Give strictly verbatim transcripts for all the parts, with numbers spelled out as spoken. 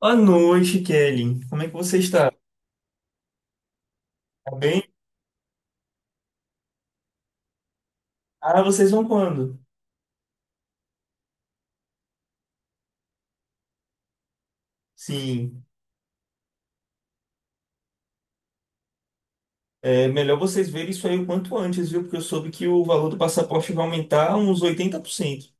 Boa noite, Kelly. Como é que você está? Tá bem? Ah, vocês vão quando? Sim. É melhor vocês verem isso aí o quanto antes, viu? Porque eu soube que o valor do passaporte vai aumentar uns oitenta por cento.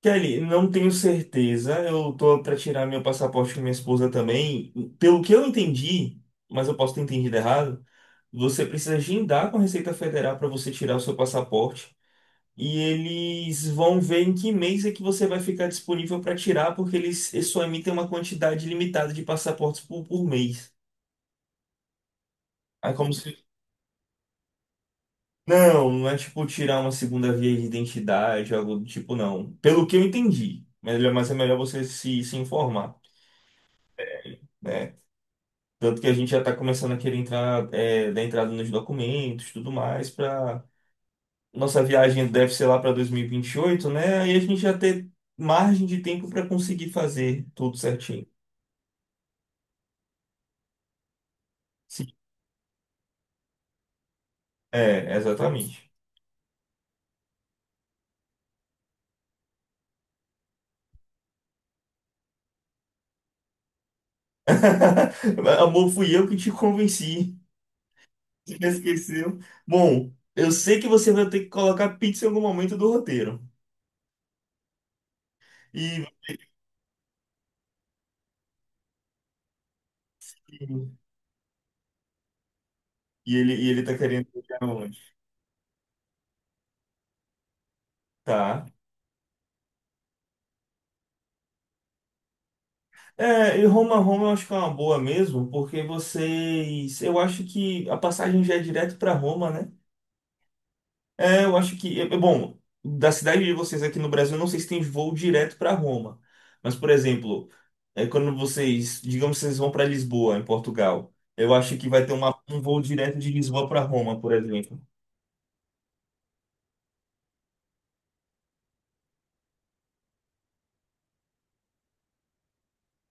Kelly, não tenho certeza. Eu tô para tirar meu passaporte com minha esposa também. Pelo que eu entendi, mas eu posso ter entendido errado, você precisa agendar com a Receita Federal para você tirar o seu passaporte. E eles vão ver em que mês é que você vai ficar disponível para tirar, porque eles, eles só emitem uma quantidade limitada de passaportes por, por mês. Aí como se. Não, não é tipo tirar uma segunda via de identidade, algo do tipo, não. Pelo que eu entendi. Melhor- Mas é melhor você se, se informar, né? Tanto que a gente já está começando a querer entrar, é, dar entrada nos documentos, e tudo mais, para nossa viagem deve ser lá para dois mil e e vinte e oito, né? Aí a gente já ter margem de tempo para conseguir fazer tudo certinho. É, exatamente. Amor, fui eu que te convenci. Você esqueceu. Bom, eu sei que você vai ter que colocar pizza em algum momento do roteiro. E, e ele, e ele tá querendo ir onde? Tá. É, e Roma, Roma eu acho que é uma boa mesmo, porque vocês. Eu acho que a passagem já é direto pra Roma, né? É, eu acho que. é- é bom, da cidade de vocês aqui no Brasil, eu não sei se tem voo direto para Roma. Mas, por exemplo, é, quando vocês. Digamos que vocês vão para Lisboa, em Portugal. Eu acho que vai ter uma- um voo direto de Lisboa para Roma, por exemplo.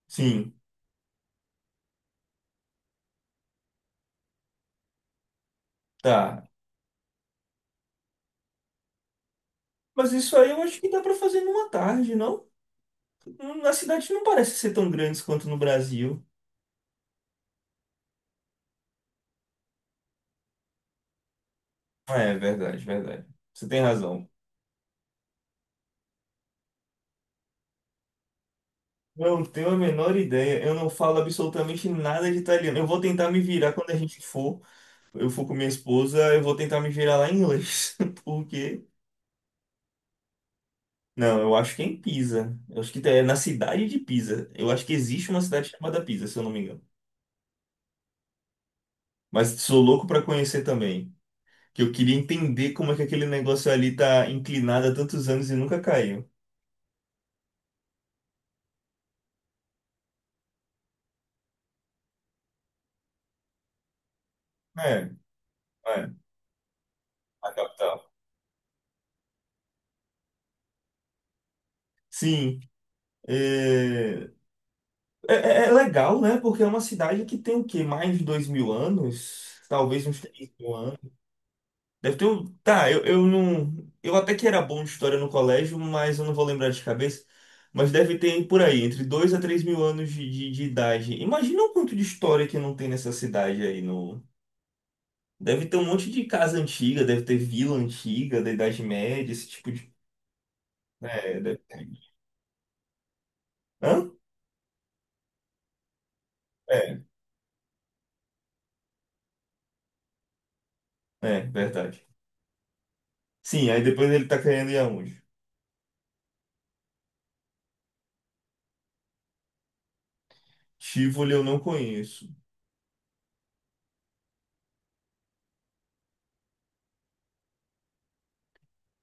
Sim, tá. Mas isso aí eu acho que dá para fazer numa tarde, não? Hum, A cidade não parece ser tão grande quanto no Brasil. Ah, é verdade, verdade. Você tem razão. Não tenho a menor ideia. Eu não falo absolutamente nada de italiano. Eu vou tentar me virar quando a gente for. Eu for com minha esposa, eu vou tentar me virar lá em inglês. Porque. Não, eu acho que é em Pisa. Eu acho que é na cidade de Pisa. Eu acho que existe uma cidade chamada Pisa, se eu não me engano. Mas sou louco pra conhecer também. Que eu queria entender como é que aquele negócio ali tá inclinado há tantos anos e nunca caiu. É, é, a capital. Sim. É, é, é é legal, né? Porque é uma cidade que tem o quê? Mais de dois mil anos? Talvez uns três mil. Deve ter um. Tá, eu, eu não. Eu até que era bom de história no colégio, mas eu não vou lembrar de cabeça. Mas deve ter por aí, entre dois a três mil anos de, de, de idade. Imagina o quanto de história que não tem nessa cidade aí no. Deve ter um monte de casa antiga, deve ter vila antiga, da Idade Média, esse tipo de. É, deve ter. Hã? É, é, verdade. Sim, aí depois ele tá querendo ir aonde? Tivoli eu não conheço.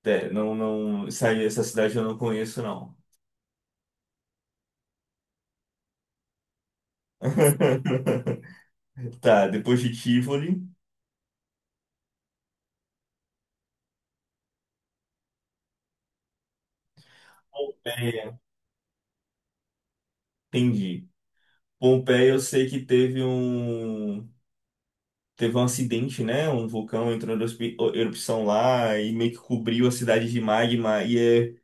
É, não, não. Essa, essa cidade eu não conheço, não. Tá, depois de Tivoli. Pompeia. Entendi. Pompeia, eu sei que teve um teve um acidente, né? Um vulcão entrou em erupi- erupção lá e meio que cobriu a cidade de magma e é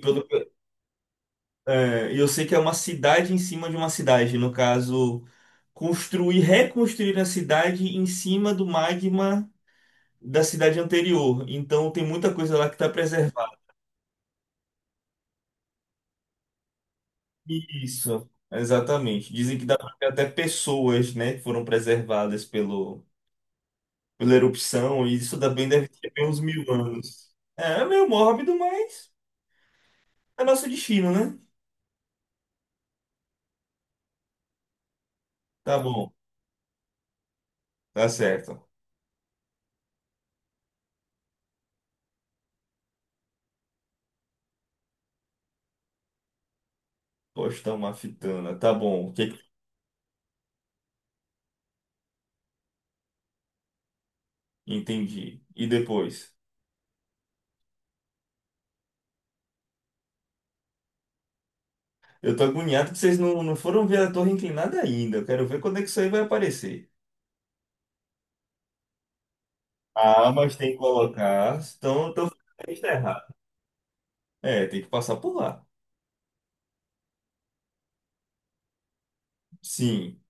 pelo- é, e eu sei que é uma cidade em cima de uma cidade, no caso, construir, reconstruir a cidade em cima do magma da cidade anterior. Então tem muita coisa lá que está preservada. Isso, exatamente. Dizem que dá pra ver até pessoas, né, que foram preservadas pelo pela erupção, e isso também deve ter bem uns mil anos. É, é meio mórbido, mas é nosso destino, né? Tá bom, tá certo. Poxa, tá uma fitana, tá bom, o que que- entendi. E depois? Eu tô agoniado que vocês não, não foram ver a torre inclinada ainda. Eu quero ver quando é que isso aí vai aparecer. Ah, mas tem que colocar. Então, então está errado. É, tem que passar por lá. Sim,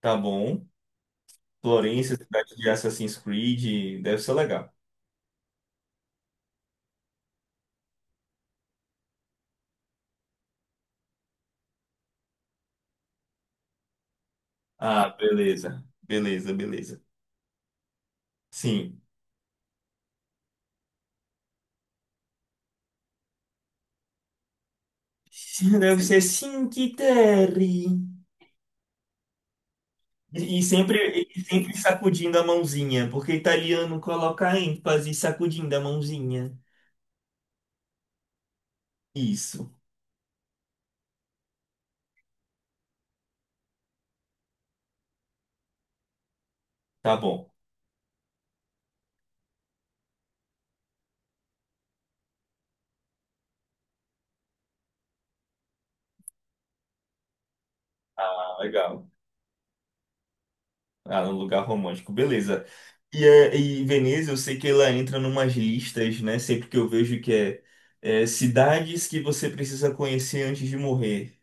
tá bom. Florência, cidade de Assassin's Creed, deve ser legal. Ah, beleza. Beleza, beleza. Sim. Deve ser sim, que terry. E e sempre, e sempre sacudindo a mãozinha, porque italiano coloca ênfase sacudindo a mãozinha. Isso, tá bom. Ah, legal. Ah, um lugar romântico, beleza. E, é, e Veneza, eu sei que ela entra numas listas, né? Sempre que eu vejo que é, é, cidades que você precisa conhecer antes de morrer.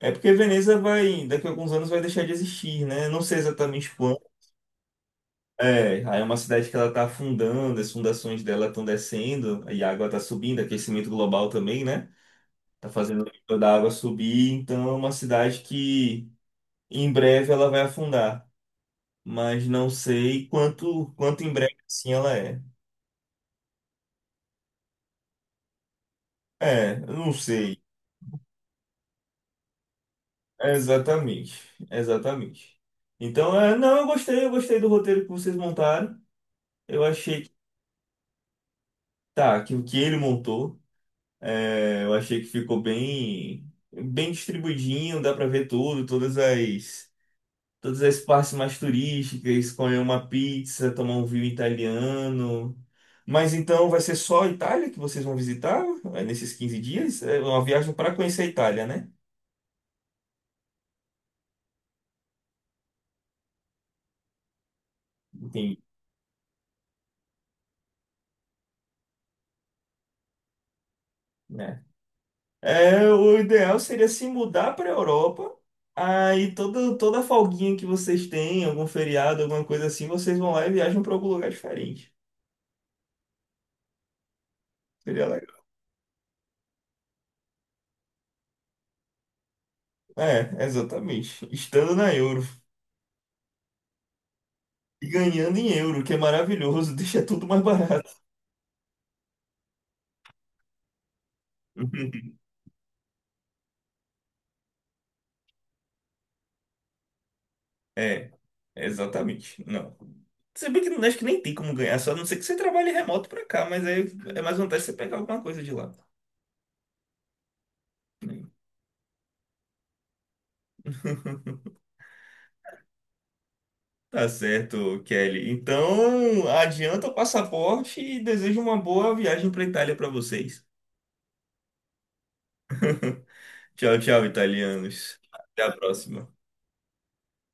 É porque Veneza vai, daqui a alguns anos vai deixar de existir, né? Não sei exatamente. É, aí é uma cidade que ela está afundando, as fundações dela estão descendo, e a água está subindo, aquecimento global também, né? Tá fazendo o nível da água subir, então é uma cidade que em breve ela vai afundar, mas não sei quanto quanto em breve assim ela é. É, eu não sei. Exatamente, exatamente. Então, é, não, eu gostei, eu gostei do roteiro que vocês montaram. Eu achei que tá, que o que ele montou. É, eu achei que ficou bem, bem distribuidinho, dá pra ver tudo, todas as, todas as partes mais turísticas, comer uma pizza, tomar um vinho italiano. Mas então vai ser só a Itália que vocês vão visitar é, nesses quinze dias? É uma viagem para conhecer a Itália, né? Entendi, né? É, o ideal seria se mudar para a Europa. Aí toda, toda folguinha que vocês têm, algum feriado, alguma coisa assim, vocês vão lá e viajam para algum lugar diferente. Seria é, exatamente. Estando na euro. E ganhando em euro, que é maravilhoso, deixa tudo mais barato. É, exatamente. Não. Se bem que não acho que nem tem como ganhar, só a não ser que você trabalhe remoto pra cá, mas aí é mais vantagem você pegar alguma coisa de lá. Né? Tá certo, Kelly. Então, adianta o passaporte e desejo uma boa viagem pra Itália pra vocês. Tchau, tchau, italianos. Até a próxima.